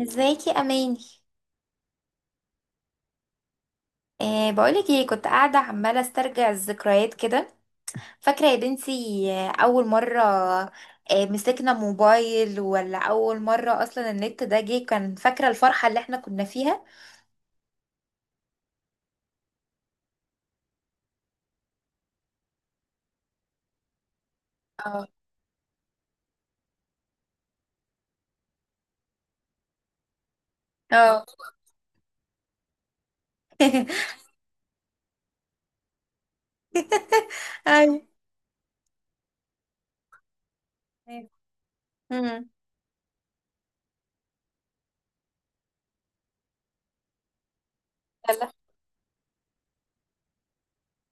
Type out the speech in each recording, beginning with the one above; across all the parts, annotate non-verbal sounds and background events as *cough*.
ازيك يا اماني؟ بقولك ايه، كنت قاعده عماله استرجع الذكريات كده، فاكره يا بنتي؟ اول مره، مسكنا موبايل، ولا اول مره اصلا النت ده جه؟ كان فاكره الفرحه اللي احنا كنا فيها. اه، اه. *laughs* ايوه، أيوة. مم. يلا،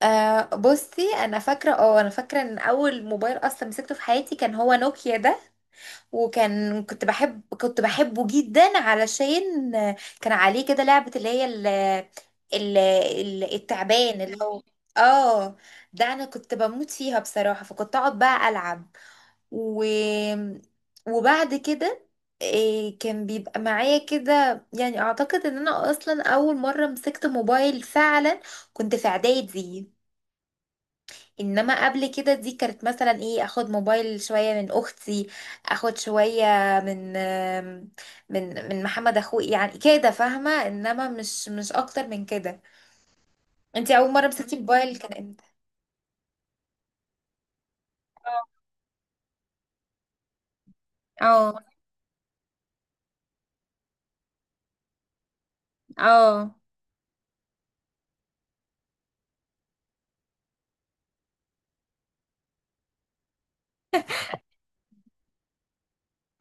بصي. انا فاكره، انا فاكره ان اول موبايل اصلا مسكته في حياتي كان هو نوكيا ده. وكان، كنت بحبه جدا، علشان كان عليه كده لعبة، اللي هي التعبان، اللي هو. اه، ده انا كنت بموت فيها بصراحة، فكنت اقعد بقى العب و وبعد كده. كان بيبقى معايا كده، يعني اعتقد ان انا اصلا اول مرة مسكت موبايل فعلا، كنت في اعدادي. انما قبل كده دي كانت مثلا ايه، اخد موبايل شويه من اختي، اخد شويه من من محمد اخوي، يعني كده فاهمه، انما مش اكتر من كده. انتي اول مره مسكتي موبايل كان امتى؟ اه. اه.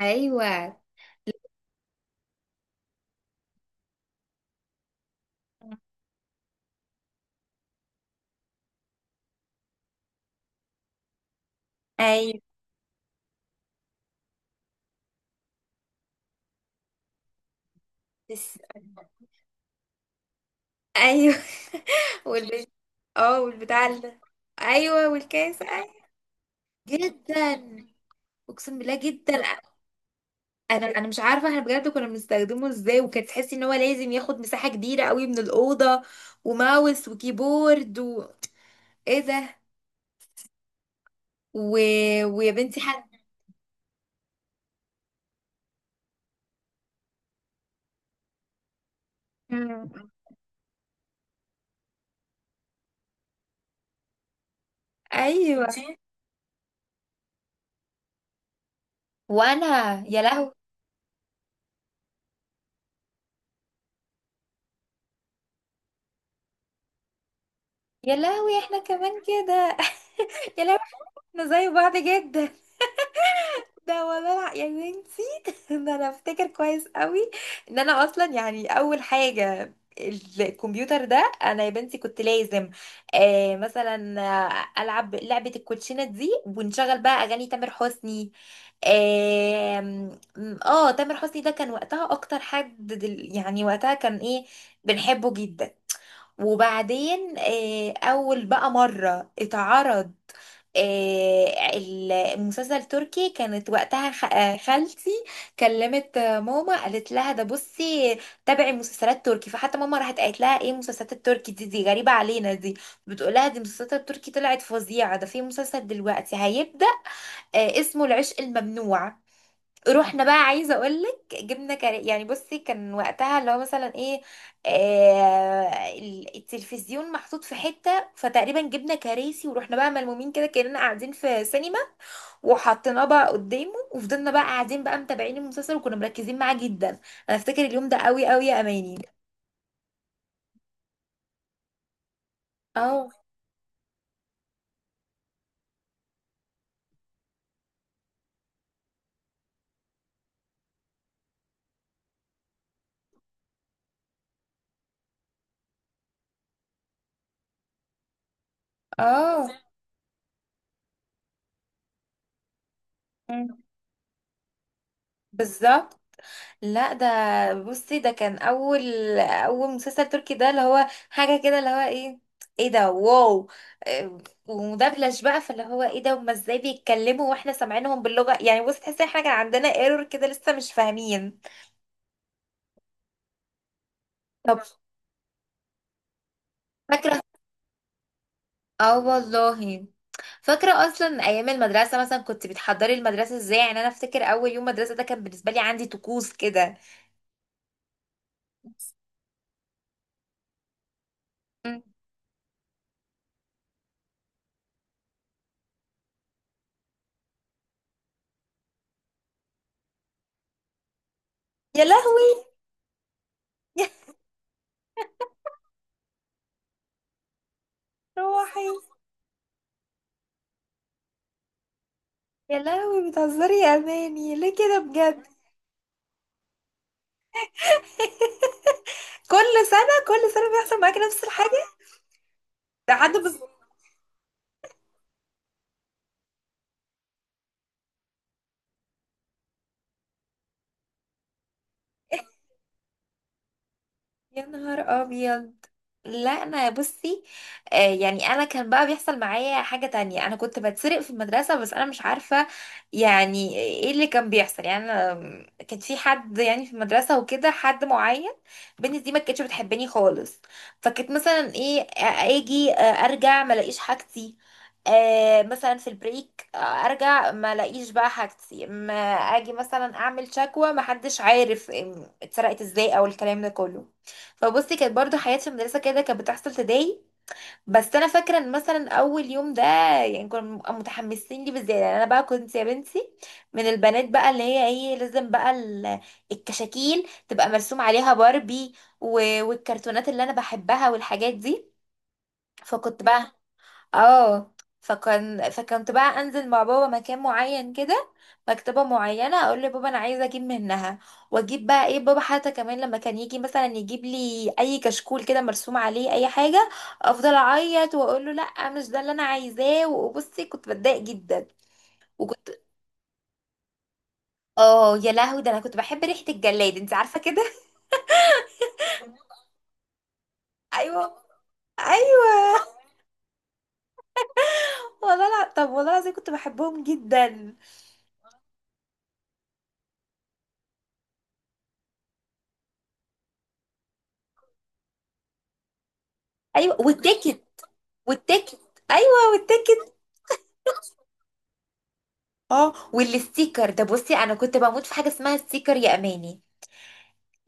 ايوه، ايوه. بس، ايوه. *laughs* والب... اه والبتاع ال-. ايوه والكاس، ايوه. جدا، اقسم بالله جدا. انا مش عارفه احنا بجد كنا بنستخدمه ازاي، وكانت تحسي ان هو لازم ياخد مساحه كبيره قوي من الاوضه، وماوس وكيبورد و... ايه ده. و... ويا بنتي حد. مم. ايوه. وانا، يا لهوي. يا لهوي، احنا كمان كده. يا لهوي، احنا زي بعض جدا. ده ولا لا يا بنتي. *laughs* ده انا افتكر كويس قوي ان انا اصلا يعني اول حاجه الكمبيوتر ده انا يا بنتي كنت لازم مثلا العب لعبه الكوتشينه دي، ونشغل بقى اغاني تامر حسني. آم، اه تامر حسني ده كان وقتها اكتر حد يعني وقتها كان ايه، بنحبه جدا. وبعدين، أول بقى مرة اتعرض آه، المسلسل التركي، كانت وقتها خالتي كلمت ماما، قالت لها ده بصي، تابعي مسلسلات تركي. فحتى ماما راحت قالت لها ايه المسلسلات التركي دي غريبة علينا دي، بتقول لها دي المسلسلات التركي طلعت فظيعة، ده في مسلسل دلوقتي هيبدأ اسمه العشق الممنوع. رحنا بقى عايزه اقولك، جبنا كر... يعني بصي، كان وقتها اللي هو مثلا ايه، التلفزيون محطوط في حته، فتقريبا جبنا كراسي ورحنا بقى ملمومين كده كاننا قاعدين في سينما، وحطيناه بقى قدامه، وفضلنا بقى قاعدين بقى متابعين المسلسل، وكنا مركزين معاه جدا. انا افتكر اليوم ده قوي قوي يا اماني. اه. اه. بالظبط. لا ده، بصي ده كان اول، اول مسلسل تركي ده، اللي هو حاجه كده، اللي هو ايه، ايه ده، واو. إيه، ومدبلج بقى، فاللي هو ايه ده، هما ازاي بيتكلموا واحنا سامعينهم باللغه؟ يعني بصي تحسي إن احنا كان عندنا ايرور كده، لسه مش فاهمين. طب فاكره؟ اه والله فاكره. اصلا ايام المدرسه، مثلا كنت بتحضري المدرسه ازاي؟ يعني انا افتكر اول يوم مدرسه ده كان بالنسبه لي عندي طقوس كده. مم. يا لهوي. *laughs* روحي. يا لهوي، بتهزري يا اماني ليه كده بجد؟ كل سنة كل سنة بيحصل معاكي نفس الحاجة، لحد ما. يا نهار ابيض. لا انا بصي، يعني انا كان بقى بيحصل معايا حاجة تانية، انا كنت بتسرق في المدرسة، بس انا مش عارفة يعني ايه اللي كان بيحصل. يعني انا كان في حد، يعني في المدرسة، وكده حد معين، بنتي دي ما كانتش بتحبني خالص. فكنت مثلا ايه، اجي ارجع ما الاقيش حاجتي، مثلا في البريك، ارجع ما الاقيش بقى حاجتي، ما اجي مثلا اعمل شكوى، ما حدش عارف اتسرقت ازاي او الكلام ده كله. فبصي كانت برضو حياتي في المدرسه كده كانت بتحصل تضايق. بس انا فاكره ان مثلا اول يوم ده يعني كنا بنبقى متحمسين ليه بالذات. يعني انا بقى كنت يا بنتي من البنات بقى، اللي هي ايه، لازم بقى الكشاكيل تبقى مرسوم عليها باربي، والكرتونات اللي انا بحبها والحاجات دي. فكنت بقى، اه فكان فكنت بقى انزل مع بابا مكان معين كده، مكتبة معينة، اقول لبابا انا عايزة اجيب منها، واجيب بقى ايه. بابا حتى كمان لما كان يجي مثلا يجيب لي اي كشكول كده مرسوم عليه اي حاجة، افضل اعيط واقول له لا مش ده اللي انا عايزاه، وبصي كنت بتضايق جدا. وكنت، اه يا لهوي، ده انا كنت بحب ريحة الجلاد، انت عارفة كده. *laughs* ايوه. ايوه والله. لا، طب والله العظيم كنت بحبهم جدا. ايوه والتيكت. والتيكت. ايوه والتيكت. اه والستيكر، ده بصي انا كنت بموت في حاجه اسمها ستيكر يا اماني.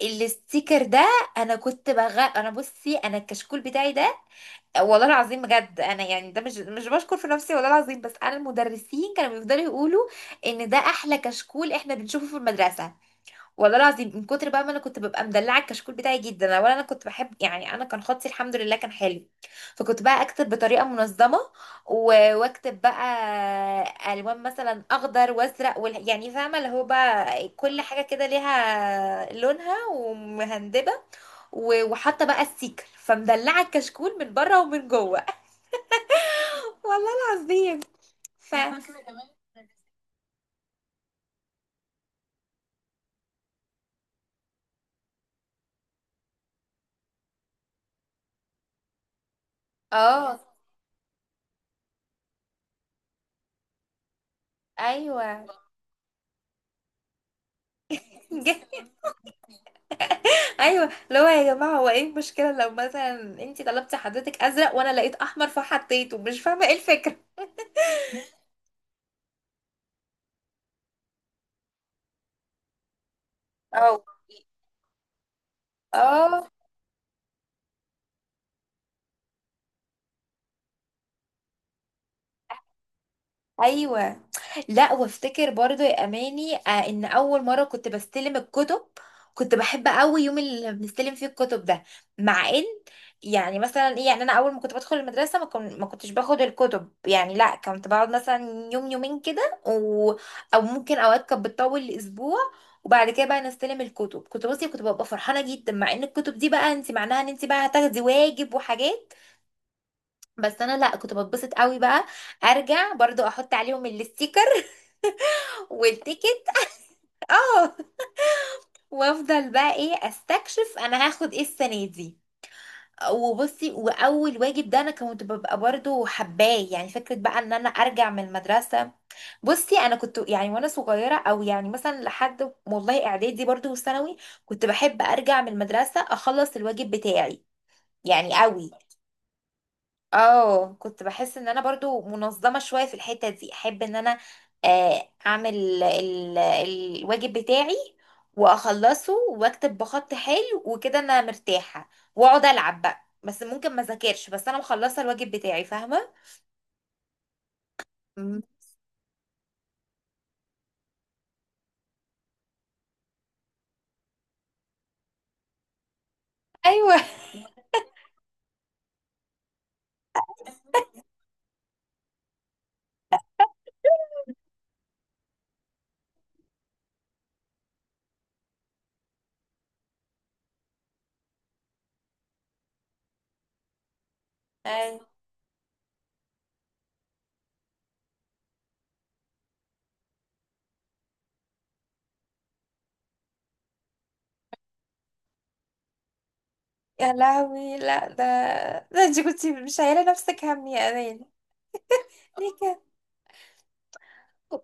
الستيكر ده، انا كنت بغ، انا بصي انا الكشكول بتاعي ده والله العظيم بجد، انا يعني ده مش بشكر في نفسي والله العظيم، بس انا المدرسين كانوا بيفضلوا يقولوا ان ده احلى كشكول احنا بنشوفه في المدرسه. والله العظيم من كتر بقى ما انا كنت ببقى مدلعه الكشكول بتاعي جدا، انا ولا. انا كنت بحب، يعني انا كان خطي الحمد لله كان حلو، فكنت بقى اكتب بطريقه منظمه، واكتب بقى الوان مثلا اخضر وازرق وال... يعني فاهمه اللي هو بقى كل حاجه كده ليها لونها ومهندبه، وحاطه بقى السيكل، فمدلعه الكشكول من بره ومن جوه. *laughs* والله العظيم. ف... اه. ايوه. *laughs* ايوه، اللي هو يا جماعه هو ايه المشكله لو مثلا انت طلبتي حضرتك ازرق وانا لقيت احمر فحطيته؟ مش فاهمه ايه الفكره. اه. اه. ايوه. لا، وافتكر برضو يا اماني، ان اول مره كنت بستلم الكتب، كنت بحب قوي يوم اللي بنستلم فيه الكتب ده، مع ان، يعني مثلا ايه، يعني انا اول ما كنت بدخل المدرسه ما كنتش باخد الكتب، يعني لا، كنت بقعد مثلا يوم، يومين كده و... او ممكن اوقات كانت بتطول لاسبوع. وبعد كده بقى نستلم الكتب، كنت ببقى فرحانه جدا، مع ان الكتب دي بقى انت معناها ان انت بقى هتاخدي واجب وحاجات. بس انا لا، كنت بتبسط قوي بقى ارجع برضو احط عليهم الستيكر والتيكت. اه. وافضل بقى ايه استكشف انا هاخد ايه السنه دي. وبصي، واول واجب ده انا كنت ببقى برضو حباه، يعني فكره بقى ان انا ارجع من المدرسه. بصي انا كنت يعني وانا صغيره، او يعني مثلا لحد والله اعدادي برضو وثانوي، كنت بحب ارجع من المدرسه اخلص الواجب بتاعي، يعني قوي. اه كنت بحس ان انا برضو منظمة شوية في الحتة دي، احب ان انا اعمل الواجب بتاعي واخلصه، واكتب بخط حلو وكده انا مرتاحة، واقعد العب بقى. بس ممكن ما ذاكرش، بس انا مخلصة الواجب بتاعي، فاهمة. مم. ايوه. أي. يا لهوي لا ده، ده انت كنت مش شايله نفسك هم يا امانه. ليه؟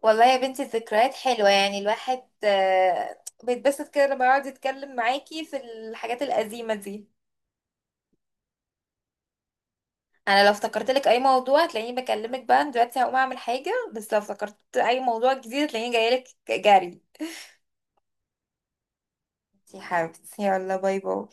والله يا بنتي الذكريات حلوة، يعني الواحد بيتبسط كده لما يقعد يتكلم معاكي في الحاجات القديمة دي. انا لو افتكرت لك اي موضوع هتلاقيني بكلمك، بقى أنا دلوقتي هقوم اعمل حاجة، بس لو افتكرت اي موضوع جديد هتلاقيني جايلك جري. يا حبيبتي يلا، باي باي.